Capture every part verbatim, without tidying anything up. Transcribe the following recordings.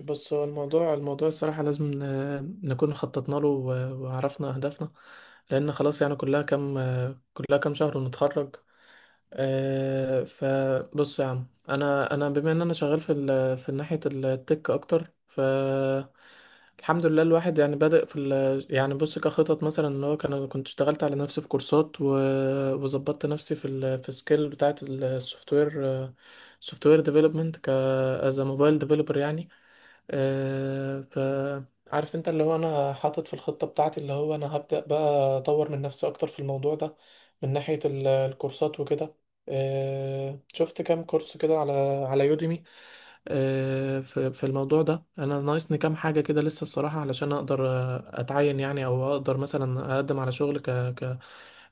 بص هو الموضوع الموضوع الصراحة لازم ن- نكون خططنا له و- وعرفنا أهدافنا. لأن خلاص يعني كلها كام كلها كام شهر ونتخرج. آه، فبص يا عم أنا أنا بما إن أنا شغال في ال- في ناحية التك أكتر. ف الحمد لله الواحد يعني بادئ في ال... يعني بص كخطط مثلا ان هو كان انا كنت اشتغلت على نفسي في كورسات و... وظبطت نفسي في ال... في سكيل بتاعت السوفت وير، سوفت وير ديفلوبمنت ك از موبايل ديفلوبر يعني. أه ف عارف انت اللي هو انا حاطط في الخطة بتاعتي اللي هو انا هبدأ بقى اطور من نفسي اكتر في الموضوع ده، من ناحية ال- الكورسات وكده. أه شفت كام كورس كده على على يوديمي. أه في في الموضوع ده انا ناقصني كام حاجة كده لسه الصراحة علشان اقدر آه، اتعين يعني او اقدر مثلا اقدم على شغل ك ك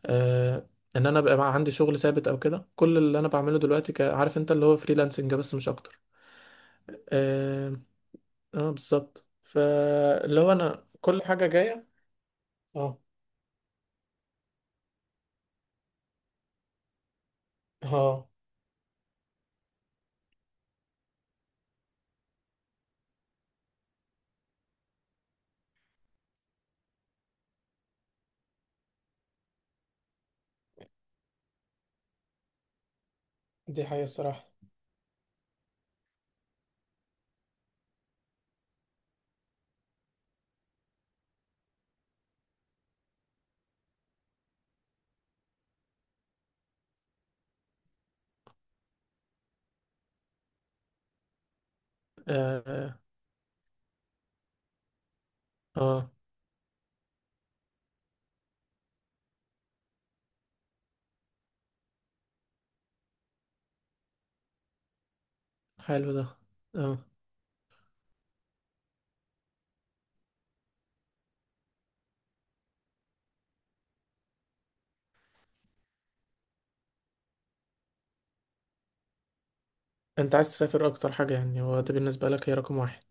أه ان انا بقى عندي شغل ثابت او كده، كل اللي انا بعمله دلوقتي ك- عارف انت اللي هو فريلانسنج بس مش اكتر. آه، اه بالظبط، فاللي هو انا كل حاجة جاية. اه، اه دي حقيقة الصراحة. اه، اه حلو ده. اه انت عايز تسافر اكتر حاجة يعني هو ده بالنسبة لك هي رقم واحد؟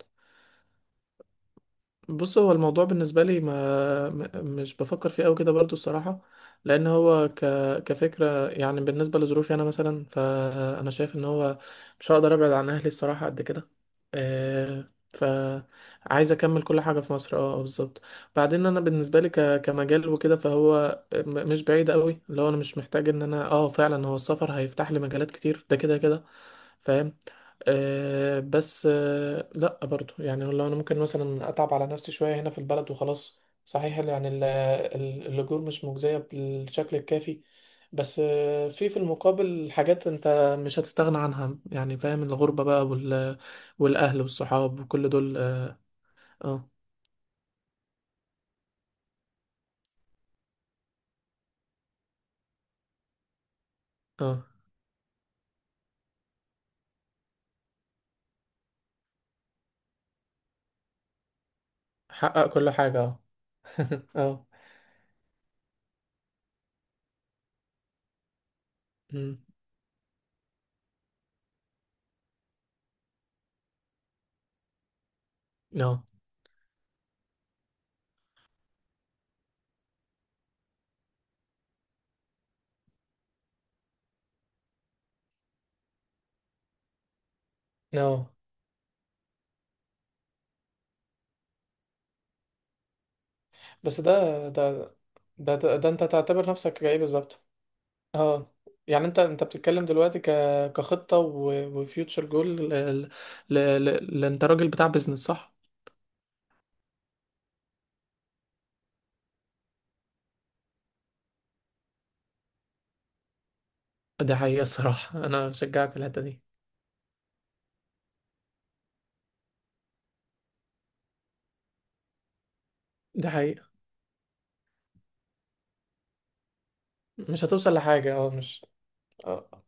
بص هو الموضوع بالنسبة لي ما م- مش بفكر فيه أوي كده برضو الصراحة. لأن هو ك... كفكرة يعني بالنسبة لظروفي أنا مثلا، فأنا شايف إن هو مش هقدر أبعد عن أهلي الصراحة قد كده. آه، فعايز أكمل كل حاجة في مصر. اه آه، بالظبط. بعدين أنا بالنسبة لي ك... كمجال وكده فهو م- مش بعيد أوي، اللي هو أنا مش محتاج إن أنا اه فعلا هو السفر هيفتح لي مجالات كتير ده كده كده، فاهم. آه بس آه لا برضو يعني لو انا ممكن مثلا اتعب على نفسي شويه هنا في البلد وخلاص. صحيح يعني ال- ال- الاجور مش مجزيه بالشكل الكافي، بس آه في في المقابل حاجات انت مش هتستغنى عنها يعني، فاهم، الغربه بقى وال والاهل والصحاب وكل دول. اه، اه آه. حقق كل حاجه اه. اه أمم. اه، اه بس ده ده ده ده, ده انت تعتبر نفسك ايه بالظبط؟ اه يعني انت انت بتتكلم دلوقتي ك كخطة وفيوتشر جول ل... ل... ل... ل... انت راجل بتاع بيزنس صح؟ دي حقيقة الصراحة انا بشجعك في الحتة دي. دي حقيقة، مش هتوصل لحاجة اه مش. اه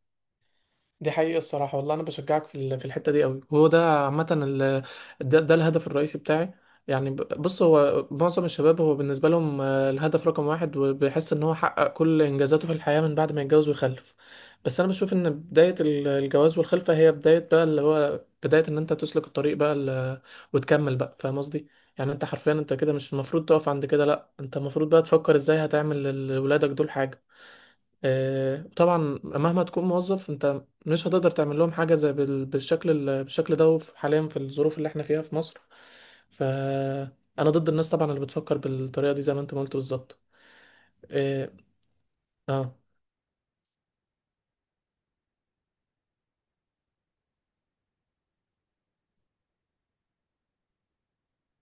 دي حقيقة الصراحة والله، أنا بشجعك في ال- في الحتة دي قوي، وهو ده عامة ال- ده, ده الهدف الرئيسي بتاعي. يعني ب- بص هو معظم الشباب هو بالنسبة لهم، آه، الهدف رقم واحد، وبيحس إن هو حقق كل إنجازاته في الحياة من بعد ما يتجوز ويخلف. بس أنا بشوف إن بداية ال- الجواز والخلفة هي بداية بقى اللي هو بداية إن أنت تسلك الطريق بقى ال- وتكمل بقى، فاهم قصدي؟ يعني أنت حرفيا أنت كده مش المفروض تقف عند كده، لأ أنت المفروض بقى تفكر إزاي هتعمل لولادك دول حاجة. آه، طبعا. مهما تكون موظف انت مش هتقدر تعمل لهم حاجه زي بال- بالشكل ال- بالشكل ده. وف- حاليا في الظروف اللي احنا فيها في مصر، فانا ضد الناس طبعا اللي بتفكر بالطريقه دي زي ما انت ما قلت بالظبط. اه، اه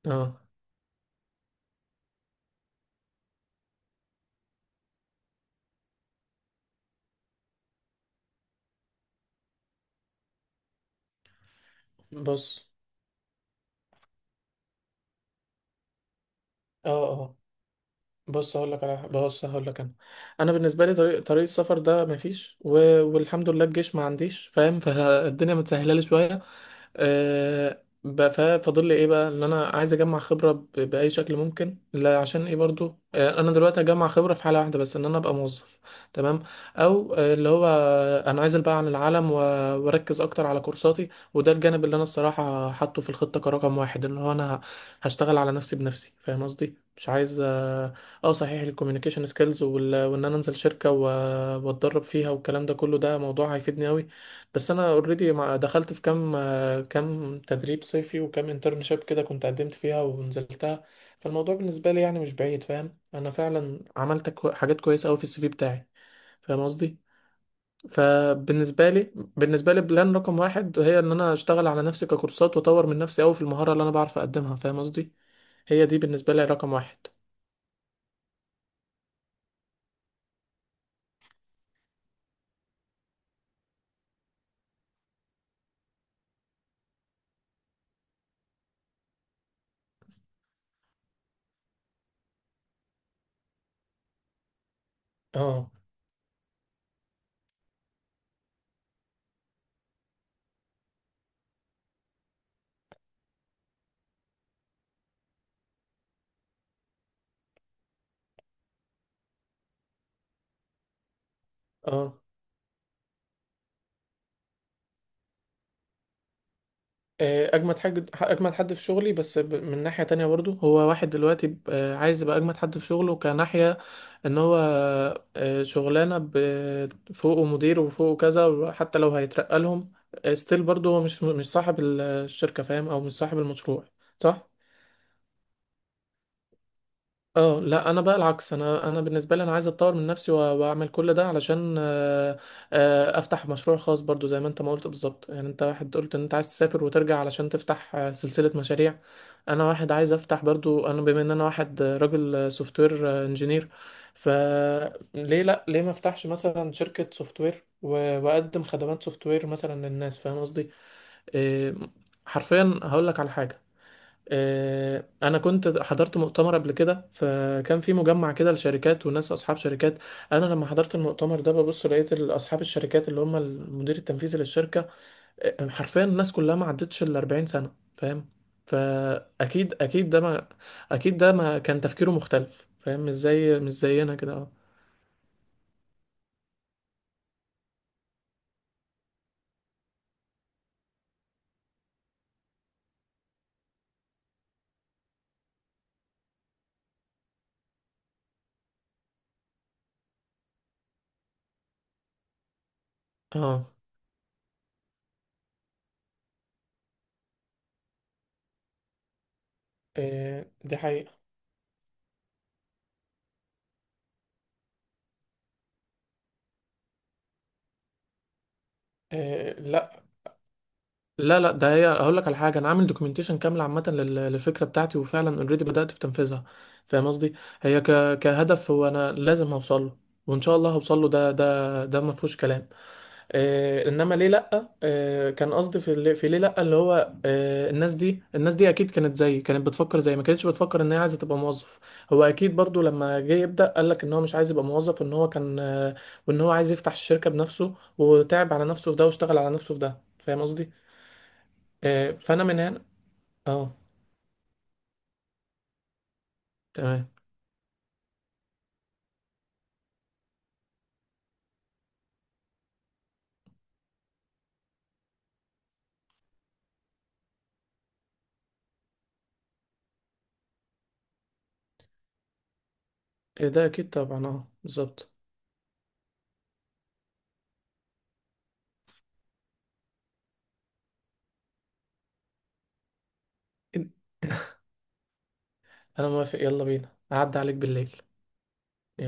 آه، بص. اه آه. بص هقول لك على بص هقول لك انا. انا بالنسبه لي طريق طريق السفر ده مفيش و... والحمد لله الجيش ما عنديش، فاهم، فالدنيا متسهله لي شويه. أه... ب- ف- فاضل لي ايه بقى ان انا عايز اجمع خبره ب... باي شكل ممكن. لا عشان ايه برضو أه انا دلوقتي هجمع خبره في حاله واحده بس، ان انا ابقى موظف، تمام. او آه، اللي هو آه، انا عايز ابعد عن العالم و... واركز اكتر على كورساتي. وده الجانب اللي انا الصراحه حاطه في الخطه كرقم واحد، ان هو انا هشتغل على نفسي بنفسي، فاهم قصدي، مش عايز. اه صحيح الكوميونيكيشن سكيلز، وان انا انزل شركه و- واتدرب فيها والكلام ده كله، ده موضوع هيفيدني قوي. بس انا اوريدي دخلت في كام آه، كام تدريب صيفي وكام انترنشيب كده كنت قدمت فيها ونزلتها. فالموضوع بالنسبه لي يعني مش بعيد، فاهم، انا فعلا عملت كو- حاجات كويسه قوي في السي في بتاعي، فاهم قصدي. فبالنسبه لي بالنسبه لي بلان رقم واحد هي ان انا اشتغل على نفسي ككورسات، واطور من نفسي قوي في المهاره اللي انا بعرف اقدمها، فاهم قصدي، هي دي بالنسبه لي رقم واحد. اه، اه آه، اجمد حاجه اجمد حد في شغلي. بس ب- من ناحيه تانية برضو هو واحد دلوقتي ب- آه، عايز يبقى اجمد حد في شغله كناحيه، ان هو آه، شغلانه ب- فوقه مدير وفوقه كذا، وحتى لو هيترقى لهم ستيل برضو هو مش مش صاحب ال- الشركه فاهم، او مش صاحب المشروع، صح. اه لا انا بقى العكس، انا انا بالنسبه لي انا عايز اتطور من نفسي وأ- واعمل كل ده علشان آه، آه، افتح مشروع خاص برضو زي ما انت ما قلت بالظبط، يعني انت واحد قلت ان انت عايز تسافر وترجع علشان تفتح آه، سلسله مشاريع. انا واحد عايز افتح برضو، انا بما ان انا واحد آه، راجل سوفت وير انجينير، فليه لا، ليه ما افتحش مثلا شركه سوفت وير واقدم خدمات سوفت وير مثلا للناس، فاهم قصدي. إيه، حرفيا هقول لك على حاجه، آه، انا كنت حضرت مؤتمر قبل كده، فكان في مجمع كده لشركات وناس اصحاب شركات. انا لما حضرت المؤتمر ده ببص لقيت ال- اصحاب الشركات اللي هم المدير التنفيذي للشركه، آه، حرفيا الناس كلها ما عدتش ال الأربعين سنه، فاهم. فاكيد اكيد ده ما اكيد ده ما كان تفكيره مختلف، فاهم، مش زي مش زينا كده. اه آه، دي حقيقه. آه، لا لا لا ده، هي هقول لك على حاجه، انا عامل دوكيومنتيشن كامله عامه لل- للفكره بتاعتي وفعلا اوريدي بدات في تنفيذها، فاهم قصدي. هي ك... كهدف هو انا لازم هوصل له، وان شاء الله هوصل له، ده ده ده ما فيهوش كلام. آه انما ليه لا، آه كان قصدي في اللي... في ليه لا، اللي هو آه الناس دي الناس دي اكيد كانت زيي، كانت بتفكر زيي، ما كانتش بتفكر ان هي عايزه تبقى موظف. هو اكيد برضو لما جه يبدا قال لك ان هو مش عايز يبقى موظف، ان هو كان آه وان هو عايز يفتح الشركه بنفسه، وتعب على نفسه في ده، واشتغل على نفسه في ده، فاهم قصدي. آه، فانا من هنا. اه تمام. إيه ده اكيد طبعا اه بالظبط. إن- انا موافق يلا بينا اعدي عليك بالليل.